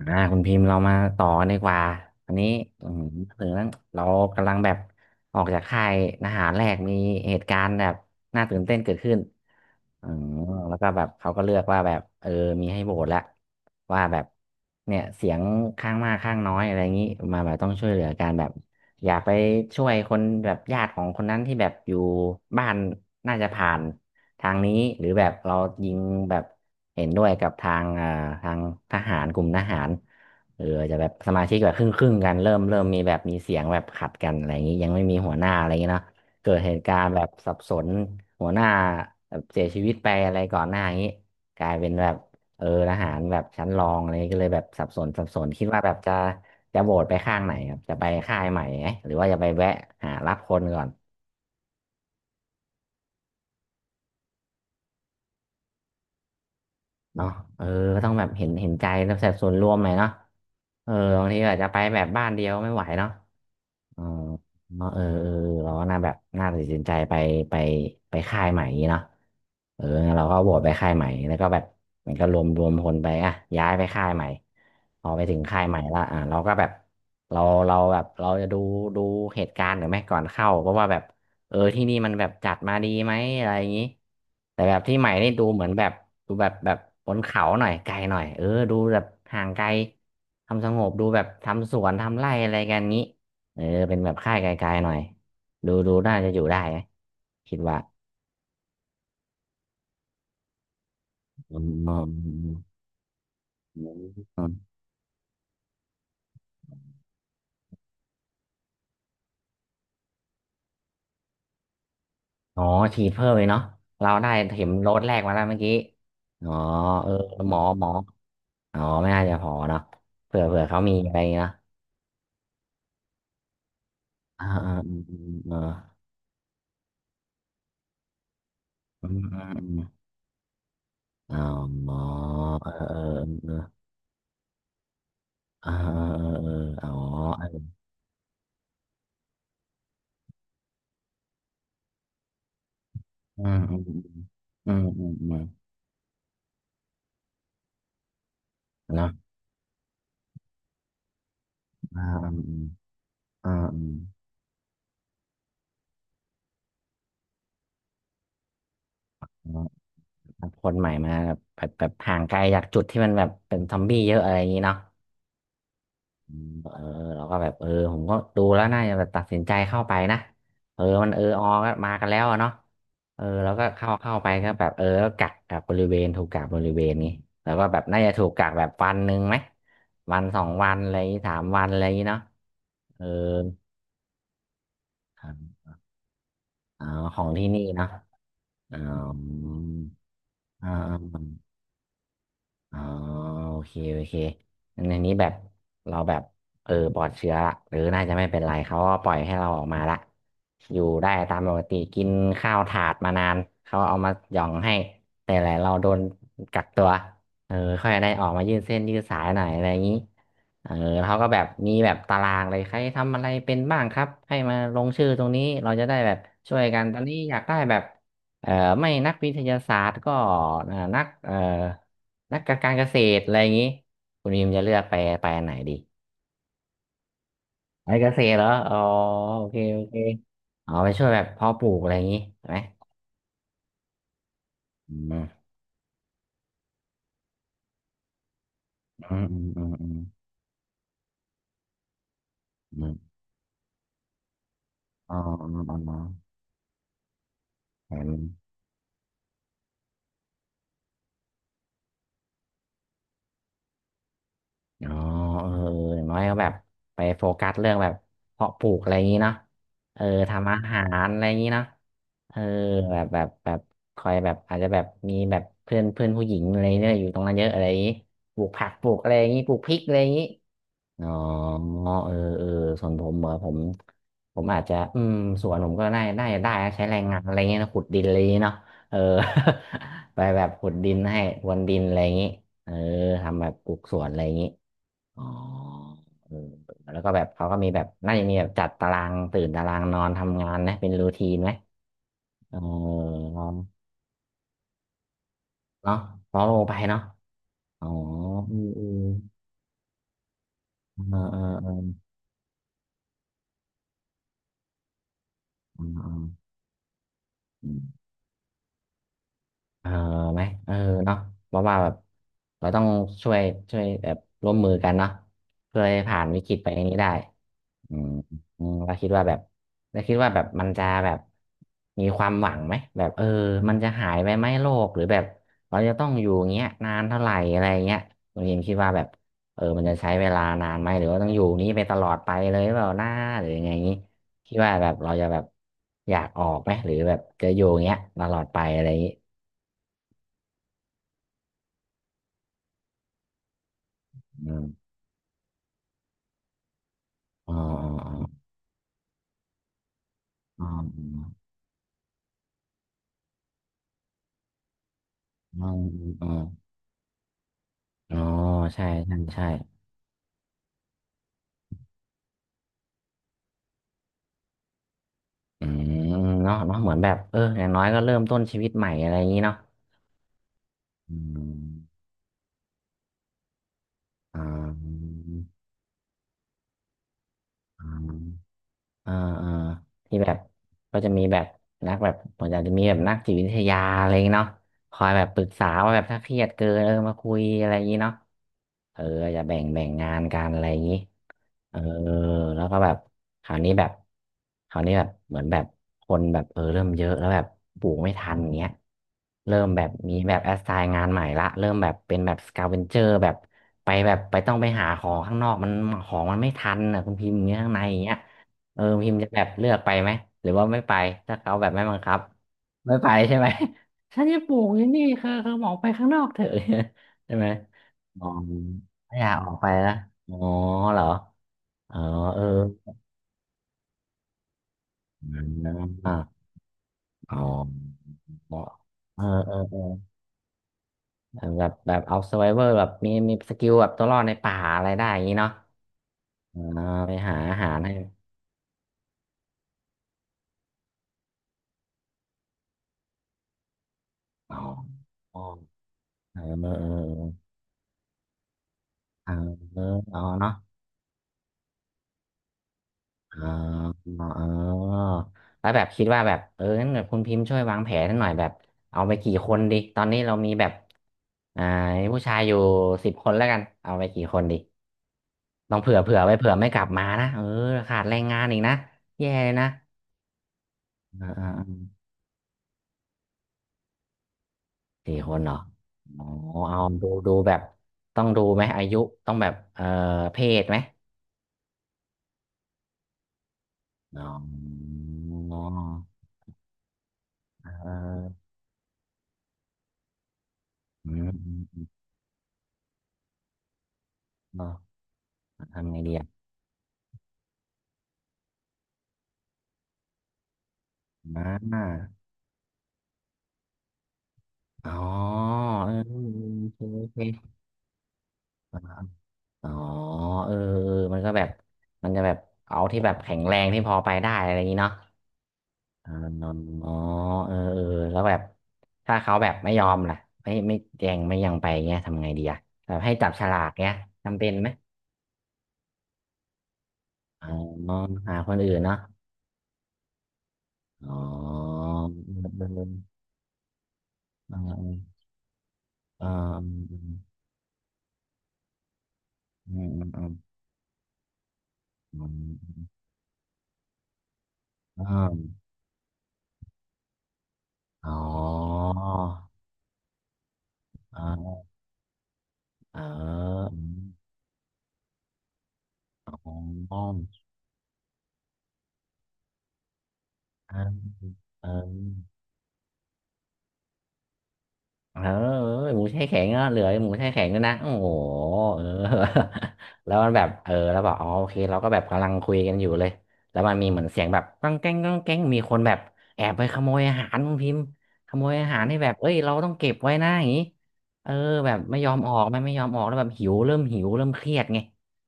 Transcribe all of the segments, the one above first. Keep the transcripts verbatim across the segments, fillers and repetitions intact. อ่าคุณพิมพ์เรามาต่อกันดีกว่าอันนี้อืมถึงเรเรากำลังแบบออกจากค่ายทหารแรกมีเหตุการณ์แบบน่าตื่นเต้นเกิดขึ้นอืมแล้วก็แบบเขาก็เลือกว่าแบบเออมีให้โหวตแล้ว ว่าแบบเนี่ยเสียงข้างมากข้างน้อยอะไรอย่างนี้มาแบบต้องช่วยเหลือกันแบบอยากไปช่วยคนแบบญาติของคนนั้นที่แบบอยู่บ้านน่าจะผ่านทางนี้หรือแบบเรายิงแบบเห็นด้วยกับทางอ่าทางทหารกลุ่มทหารเออจะแบบสมาชิกแบบครึ่งครึ่งกันเริ่มเริ่มมีแบบมีเสียงแบบขัดกันอะไรอย่างนี้ยังไม่มีหัวหน้าอะไรอย่างนี้เนาะเกิดเหตุการณ์แบบสับสนหัวหน้าแบบเสียชีวิตไปอะไรก่อนหน้าอย่างนี้กลายเป็นแบบ เออทหารแบบชั้นรองอะไรก็เลยแบบสับสนสับสนคิดว่าแบบจะจะโหวตไปข้างไหนครับจะไปค่ายใหม่ไหมหรือว่าจะไปแวะหารับคนก่อน เนาะเออก็ต้องแบบเห็นเห็นใจแล้วแบบส่วนรวมหน่อยเนาะเออบางทีอาจจะไปแบบบ้านเดียวไม่ไหวเนาะอ๋อเนาะเออเออเราก็น่าแบบน่าตัดสินใจไปไปไปค่ายใหม่อย่างงี้เนาะเอองั้นเราก็โหวตไปค่ายใหม่แล้วก็แบบมันก็รวมรวมคนไปอ่ะย้ายไปค่ายใหม่พอไปถึงค่ายใหม่ละอ่ะเราก็แบบเราเราแบบเราจะดูดูเหตุการณ์หรือไม่ก่อนเข้าเพราะว่าแบบ เออที่นี่มันแบบจัดมาดีไหมอะไรอย่างนี้แต่แบบที่ใหม่นี่ดูเหมือนแบบดูแบบแบบบนเขาหน่อยไกลหน่อยเออดูแบบห่างไกลทำสงบดูแบบทำสวนทำไร่อะไรกันงี้เออเป็นแบบค่ายไกลๆหน่อยดูดูน่าจะอยู่ได้นะคิดว่าอือ๋อมอืมอืมอ๋อฉีดเพิ่มเลยเนาะเราได้เข็มโดสแรกมาแล้วเมื่อกี้อ๋อเออหมอหมออ๋อไม่น่าจะพอเนาะเผื่อเผื่อเขามีอะไรเนาะอ่าอ่าอืมอืมเออ อืมอืมอืมอ๋อเออเออเออเออเออเออเอออ๋ออืมอืมอืมอืมอืมนะอ่าอืมอืมอืมอืมคนใหม่มาแบบแบบห่างไกลจากจุดที่มันแบบเป็นซอมบี้เยอะอะไรอย่างนี้เนาะ อืมเออเราก็แบบเออผมก็ดูแล้วน่าจะแบบตัดสินใจเข้าไปนะเออมันเออออก็มากันแล้วอะเนาะเออเราก็เข้าเข้าไปก็แบบเออก็กักกักบริเวณถูกกักบริเวณนี้แล้วก็แบบน่าจะถูกกักแบบวันหนึ่งไหมวันสองวันอะไรอย่างงี้สามวันอะไรอย่างงี้เนาะเออครับอ๋อของที่นี่เนาะอ๋อ อ๋อโอเคโอเคงั้นในนี้แบบเราแบบเออปลอดเชื้อละหรือน่าจะไม่เป็นไรเขาก็ปล่อยให้เราออกมาละอยู่ได้ตามปกติกินข้าวถาดมานานเขาเอามาหย่องให้แต่แหละเราโดนกักตัวเออค่อยได้ออกมายืดเส้นยืดสายหน่อยอะไรอย่างนี้เออเขาก็แบบมีแบบตารางเลยใครทำอะไรเป็นบ้างครับให้มาลงชื่อตรงนี้เราจะได้แบบช่วยกันตอนนี้อยากได้แบบเอ่อไม่นักวิทยาศาสตร์ก็เอ่อนักเอ่อ นักการเกษตรอะไรอย่างนี้คุณยิมจะเลือกไปไปอันไหนดีไปเกษตรเหรออ๋อโอเคโอเคอ๋อไปช่วยแบบเพาะปลูกอะไรอย่างนี้ใช่ไหมอืมอืมอืมอืมอืมอมอ๋ออ๋ออ๋อแถมอ๋อเอออย่างน้อยก็แบบไปโฟกัสเรื่องแบบเพาะปลูกอะไรอย่างนี้เนาะเออทำอาหารอะไรอย่างนี้เนาะเออแบบแบบแบบคอยแบบอาจจะแบบมีแบบเพื่อนเพื่อนผู้หญิงอะไรเนี่ยอยู่ตรงนั้นเยอะอะไรอย่างนี้ปลูกผักปลูกอะไรอย่างนี้ปลูกพริกอะไรอย่างนี้ อ๋อเออเออส่วนผมเหรอผมผมอาจจะอืมสวนผมก็ได้ได้ได้นะใช้แรงงานอะไรเงี้ยนะขุดดินอะไรเงี้ยเนาะเออ ไปแบบขุดดินให้พรวนดินอะไรอย่างงี้เออทำแบบปลูกสวนอะไรอย่างงี้อ๋อเออแล้วก็แบบเขาก็มีแบบน่าจะมีแบบจัดตารางตื่นตารางนอนทำงานนะเป็นรูทีนไหมเออเนาะพอโลไปเนาะอ๋อเออเออเออเออเออเออ เออไหมเออเนาะเพราะว่าแบบเราต้องช่วยช่วยแบบร่วมมือกันเนาะเพื่อให้ผ่านวิกฤตไปนี้ได้อืมอืมเราคิดว่าแบบเราคิดว่าแบบมันจะแบบมีความหวังไหมแบบเออมันจะหายไปไหมโรคหรือแบบเราจะต้องอยู่อย่างเงี้ยนานเท่าไหร่อะไรเงี้ยคุณยิมคิดว่าแบบเออมันจะใช้เวลานานไหมหรือว่าต้องอยู่นี้ไปตลอดไปเลยเปล่าหน้าหรือยังไงงี้คิดว่าแบบเราจะแบบอยากออกไหมหรือแบบจะอยู่อย่างเงี้ยตลอดไปอะไรอย่างงี้ อ๋ออ๋ออ๋ออ๋ออ๋ออ๋อใช่ ใช่ ใช่ อืมเนาะเนาะเหมือนแบบ เอออย่างน้อยก็เริ่มต้นชีวิตใหม่อะไรอย่างนี้เนาะอืมอ่า อ่าอ่าที่แบบก็จะมีแบบนักแบบผมอนาจจะมีแบบนักจิตวิทยาอะไรอย่างงี้เนาะคอยแบบปรึกษาว่าแบบถ้าเครียดเกินเออมาคุยอะไรอย่างงี้เนาะเออจะแบ่งแบ่งงานกันอะไรอย่างงี้เออแล้วก็แบบคราวนี้แบบคราวนี้แบบเหมือนแบบคนแบบเออเริ่มเยอะแล้วแบบปลูกไม่ทันเงี้ยเริ่มแบบมีแบบแอสไซน์งานใหม่ละเริ่มแบบเป็นแบบสกาเวนเจอร์แบบไปแบบไปต้องไปหาของข้างนอกมันของมันไม่ทันอ่ะคุณพิมพ์อย่างเงี้ยข้างในอย่างเงี้ย เออพิมพ์จะแบบเลือกไปไหมหรือว่าไม่ไปถ้าเขาแบบไม่บังคับไม่ไปใช่ไหม ฉันจะปลูกอยู่นี่คือคือบอกไปข้างนอกเถอะ ใช่ไหมอ๋อไม่อยากออกไปนะอ๋อเหรออ๋อเอออมอ๋อเออเออเออแบบแบบเอาซ u r v i เวอร์แบบมีมีสกิลแบบตัวรอดในป่าอะไรได้อย่างนี้เนาะอ่าไปหาอาหารให้อ๋ออ๋อเออเออเออเออเออเนาะ อ๋อเออแล้วแบบคิดว่าแบบเอองั้นแบบคุณพิมพ์ช่วยวางแผนให้หน่อยแบบเอาไปกี่คนดีตอนนี้เรามีแบบอ่ามีผู้ชายอยู่สิบคนแล้วกันเอาไปกี่คนดีต้องเผื่อเผื่อไว้เผื่อไม่กลับมานะเออขาดแรงงานอีกนะแย่เลยนะเออเออเออสี่คนเหรออ๋อเอาดูดูแบบต้องดูไหมอายุต้องแบบเออเพศไหมอ๋อเอออืมอืมอืมเออทำไงดีอ่ะอ่า อ๋อเออโอเคโอเคอ๋อเออเออมันก็แบบมันจะแบบเอาที่แบบแข็งแรงที่พอไปได้อะไรอย่างนี้เนาะอ๋อเออเออแล้วแบบถ้าเขาแบบไม่ยอมล่ะไม่ไม่แจงไม่ยังไปเงี้ยทำไงดีอะแบบให้จับฉลากเงี้ยจำเป็นไหมอ๋อหาคนอื่นเนาะอ๋อเออเออเออเอออืมอืมอืมอืมอ๋ออ๋อ เอออ๋อ๋ออ่าเออเออหมูแช่แข็งอ่ะเหลือหมูแช่แข็งด้วยนะโอ้โหเออ แล้วมันแบบเออแล้วบอกอ๋อโอเคเราก็แบบกำลังคุยกันอยู่เลยแล้วมันมีเหมือนเสียงแบบก้องแก้งก้องแก้งมีคนแบบแอบไปขโมยอาหารคุณพิมพ์ขโมยอาหารให้แบบเอ้ยเราต้องเก็บไว้นะอย่างนี้เออแบบไม่ยอมออกไม่ไม่ยอมออกแล้วแบบหิวเริ่มหิวเริ่มเครียดไง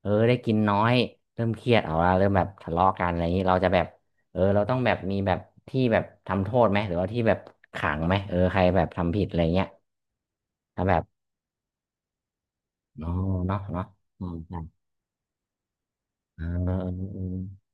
เออได้กินน้อยเริ่มเครียดเอาละเริ่มแบบทะเลาะกันอะไรอย่างนี้เราจะแบบ เออเราต้องแบบมีแบบที่แบบทำโทษไหมหรือว่าที่แบบขังไหมเออใครแบบทำผิดอะไรเงี้ยถ้าแบบอ๋อเนาะเนาะอืมใช่เออเออเออ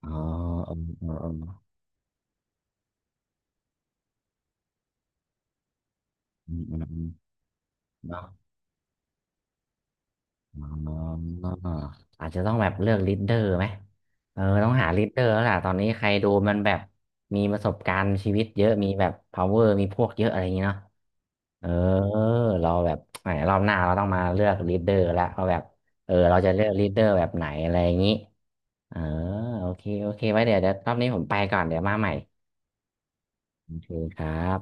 เออเออเออเออเออเออเออเนาะ อ๋ออาจจะต้องแบบเลือกลีดเดอร์ไหมเออต้องหาลีดเดอร์แล้วล่ะตอนนี้ใครดูมันแบบมีประสบการณ์ชีวิตเยอะ มีแบบ power มีพวกเยอะอะไรอย่างเงี้เนาะเออเราแบบแหมรอบหน้าเราต้องมาเลือกลีดเดอร์ละเราแบบ เออ เราจะเลือกลีดเดอร์แบบไหนอะไรอย่างงี้เออโอเคโอเค ไว้เดี๋ยวเดี๋ยวรอบนี้ผมไปก่อนเดี๋ยวมาใหม่โอเคครับ